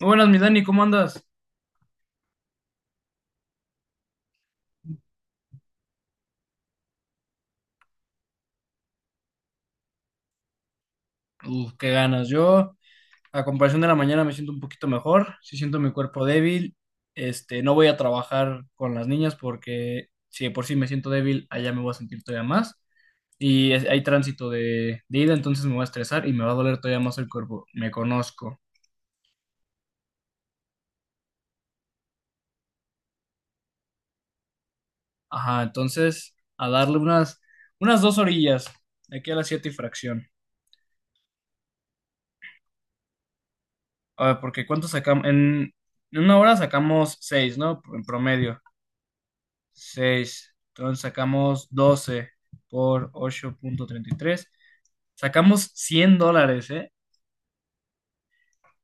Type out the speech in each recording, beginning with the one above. Muy buenas, mi Dani, ¿cómo andas? Uf, qué ganas. Yo, a comparación de la mañana, me siento un poquito mejor. Sí siento mi cuerpo débil. No voy a trabajar con las niñas porque si de por sí me siento débil, allá me voy a sentir todavía más. Hay tránsito de ida, entonces me voy a estresar y me va a doler todavía más el cuerpo. Me conozco. Ajá, entonces, a darle unas dos orillas, de aquí a las 7 y fracción. A ver, porque ¿cuánto sacamos? En una hora sacamos 6, ¿no? En promedio. 6, Entonces sacamos 12 por 8.33. Sacamos $100, ¿eh?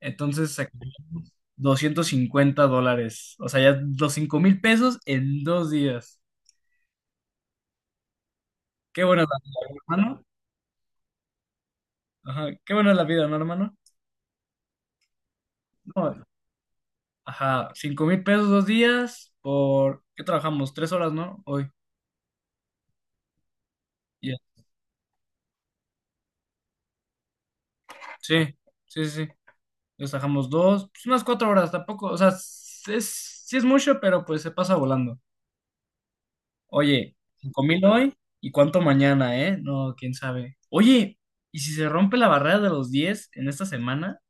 Entonces sacamos $250. O sea, ya los $5,000 en 2 días. Qué buena es la vida, ¿no, hermano? Ajá, qué buena es la vida, ¿no, hermano? No, ajá, $5,000 2 días por... ¿Qué trabajamos? 3 horas, ¿no? Hoy. Ya. Sí, sí, sí, sí. Entonces trabajamos dos, pues unas 4 horas tampoco. O sea, sí es mucho, pero pues se pasa volando. Oye, 5,000 hoy y cuánto mañana, ¿eh? No, quién sabe. Oye, ¿y si se rompe la barrera de los 10 en esta semana?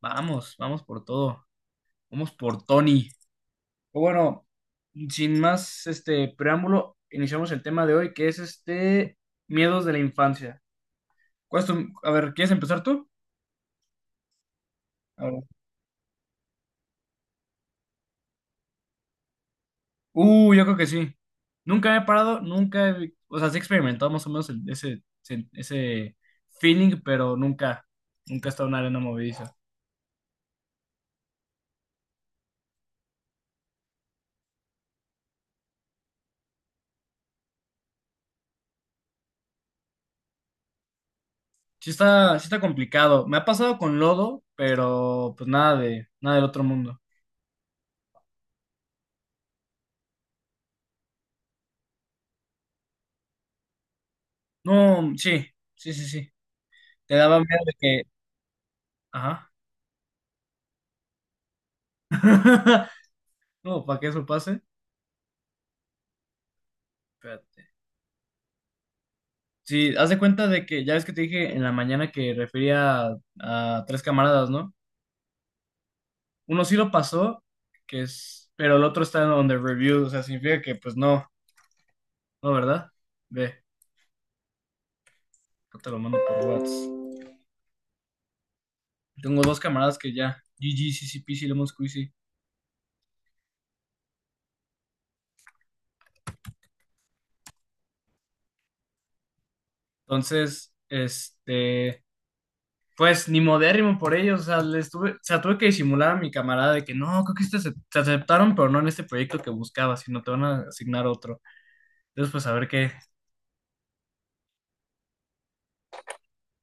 Vamos, vamos por todo. Vamos por Tony. Pero bueno, sin más preámbulo, iniciamos el tema de hoy, que es este: miedos de la infancia. A ver, ¿quieres empezar tú? A ver. Yo creo que sí. Nunca he parado, nunca he... O sea, sí he experimentado más o menos ese feeling, pero nunca he estado en una arena movediza. Sí está complicado. Me ha pasado con lodo, pero pues nada del otro mundo. No, sí, sí, sí, sí. Te daba miedo de que, ajá. No, para que eso pase. Espérate. Sí, haz de cuenta de que ya ves que te dije en la mañana que refería a 3 camaradas, ¿no? Uno sí lo pasó, que es, pero el otro está on the review, o sea, significa que pues no, no, ¿verdad? Ve, yo te lo mando por WhatsApp. Tengo 2 camaradas que ya, g g c CCP, sí, Lemon Squeezy. Entonces, pues ni modérrimo por ellos, o sea, les tuve, o sea, tuve que disimular a mi camarada de que no, creo que te aceptaron, pero no en este proyecto que buscaba, sino te van a asignar otro. Entonces, pues a ver qué.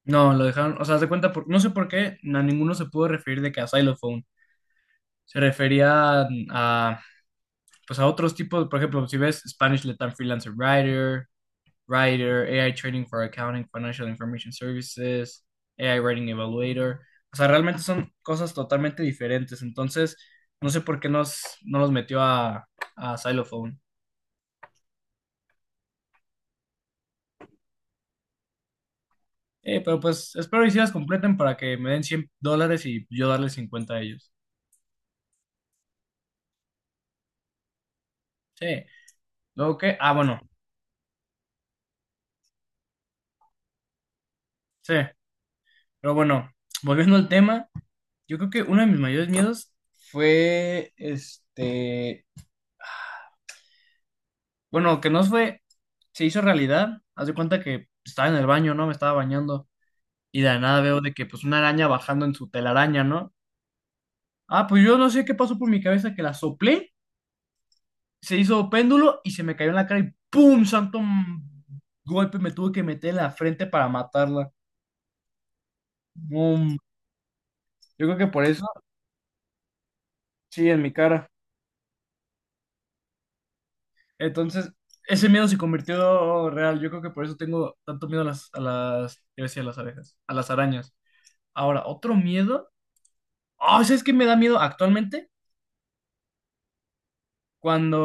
No, lo dejaron, o sea, haz de cuenta, no sé por qué, a ninguno se pudo referir de que a Xylophone. Se refería a, pues a otros tipos, por ejemplo, si ves Spanish Letter Freelancer Writer, AI Trading for Accounting, Financial Information Services, AI Writing Evaluator. O sea, realmente son cosas totalmente diferentes. Entonces, no sé por qué no los metió a Xylophone. Pero pues espero y si las completen para que me den $100 y yo darles 50 a ellos. Sí. Luego que, ah, bueno, sí. Pero bueno, volviendo al tema, yo creo que uno de mis mayores miedos fue bueno, que no fue, se hizo realidad. Haz de cuenta que estaba en el baño, ¿no? Me estaba bañando y de la nada veo de que pues una araña bajando en su telaraña, ¿no? Ah, pues yo no sé qué pasó por mi cabeza que la soplé, se hizo péndulo y se me cayó en la cara y ¡pum! Golpe me tuve que meter en la frente para matarla. Mm. Yo creo que por eso, sí, en mi cara. Entonces, ese miedo se convirtió real. Yo creo que por eso tengo tanto miedo a las, yo decía, a las abejas, a las arañas. Ahora, otro miedo. Oh, ¿sabes qué me da miedo actualmente? Cuando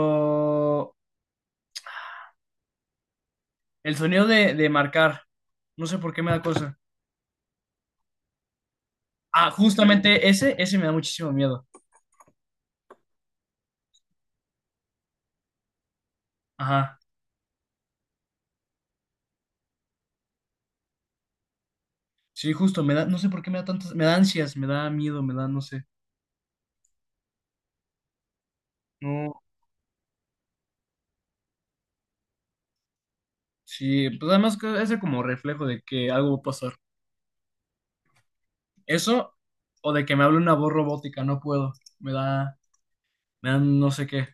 el sonido de marcar, no sé por qué me da cosa. Ah, justamente ese me da muchísimo miedo. Ajá. Sí, justo, me da, no sé por qué me da tantas, me da ansias, me da miedo, me da, no sé. No, sí, pues además que ese como reflejo de que algo va a pasar. Eso, o de que me hable una voz robótica, no puedo. Me da, me da no sé qué.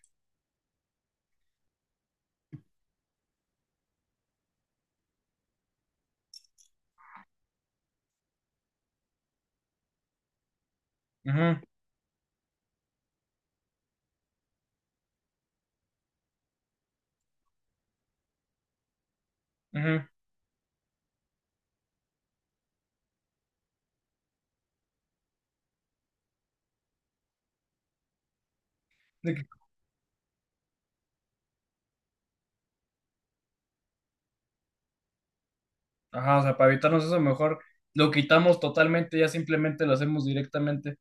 Ajá, ajá. De que- ajá, o sea, para evitarnos eso mejor lo quitamos totalmente, ya simplemente lo hacemos directamente.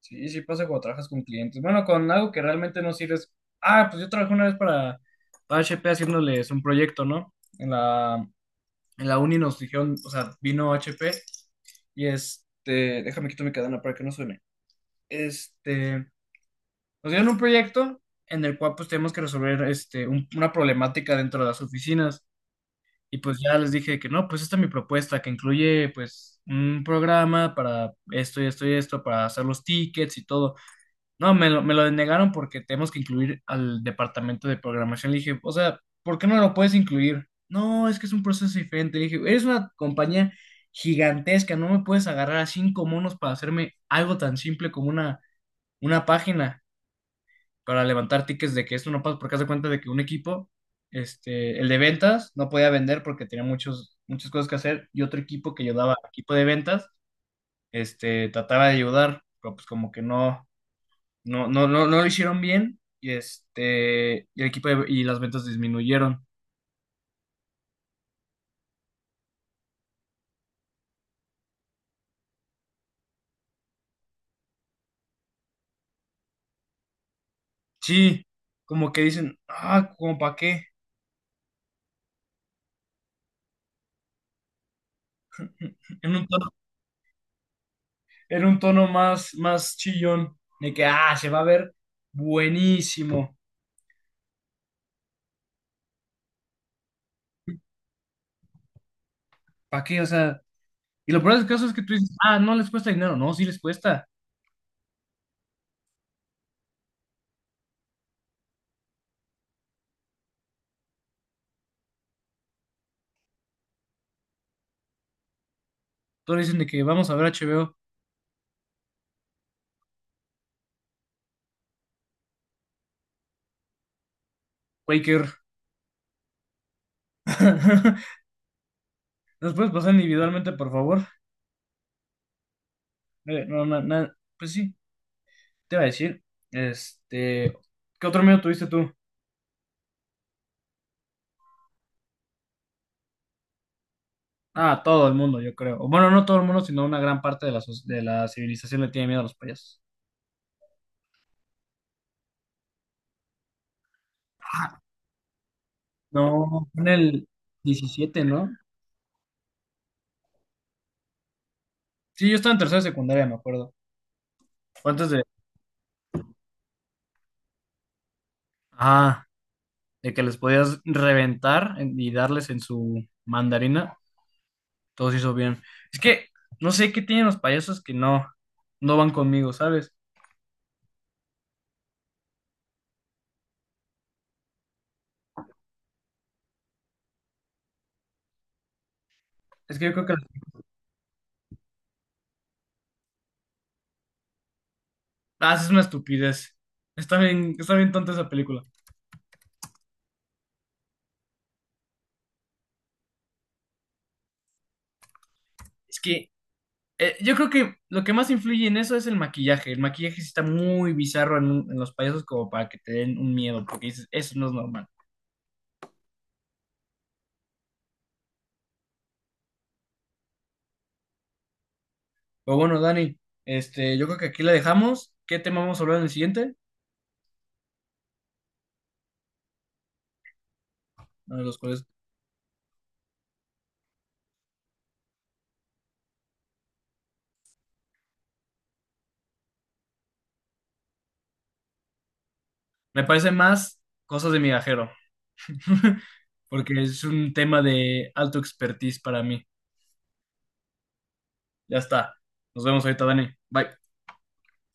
Sí, sí pasa cuando trabajas con clientes. Bueno, con algo que realmente no sirves. Ah, pues yo trabajé una vez para HP haciéndoles un proyecto, ¿no? En la uni nos dijeron, o sea, vino HP y déjame quito mi cadena para que no suene. Este, nos dieron un proyecto en el cual pues tenemos que resolver este, una problemática dentro de las oficinas. Y pues ya les dije que no, pues esta es mi propuesta, que incluye pues un programa para esto y esto y esto, para hacer los tickets y todo. No, me lo denegaron porque tenemos que incluir al departamento de programación. Le dije, o sea, ¿por qué no lo puedes incluir? No, es que es un proceso diferente. Le dije, eres una compañía gigantesca, no me puedes agarrar a 5 monos para hacerme algo tan simple como una página para levantar tickets de que esto no pasa, porque haz de cuenta de que un equipo, este, el de ventas, no podía vender porque tenía muchas cosas que hacer, y otro equipo que ayudaba, equipo de ventas, este, trataba de ayudar, pero pues como que no. No, no, no, no lo hicieron bien y este, y las ventas disminuyeron. Sí, como que dicen, ah, como para qué, en un tono, en un tono más, más chillón, de que, ah, se va a ver buenísimo, ¿para qué? O sea, y lo peor del caso es que tú dices, ah, no les cuesta dinero, no, sí les cuesta. Todos dicen de que vamos a ver HBO, Quaker. ¿Nos puedes pasar individualmente, por favor? No, no, no, pues sí, te iba a decir, este, ¿qué otro miedo tuviste tú? Ah, todo el mundo, yo creo. O bueno, no todo el mundo, sino una gran parte de de la civilización le tiene miedo a los payasos. Ah, no, fue en el diecisiete, ¿no? Sí, yo estaba en tercera secundaria, me acuerdo. Fue antes de... Ah, de que les podías reventar y darles en su mandarina. Todo se hizo bien. Es que no sé qué tienen los payasos que no, no van conmigo, ¿sabes? Es que yo creo que... Ah, es una estupidez. Está bien tonta esa película. Es que eh, yo creo que lo que más influye en eso es el maquillaje. El maquillaje sí está muy bizarro en, en los payasos como para que te den un miedo, porque dices, eso no es normal. Pero bueno, Dani, yo creo que aquí la dejamos. ¿Qué tema vamos a hablar en el siguiente? Uno de los cuales me parece más cosas de migajero, porque es un tema de alto expertise para mí. Ya está. Nos vemos ahorita, Dani. Bye.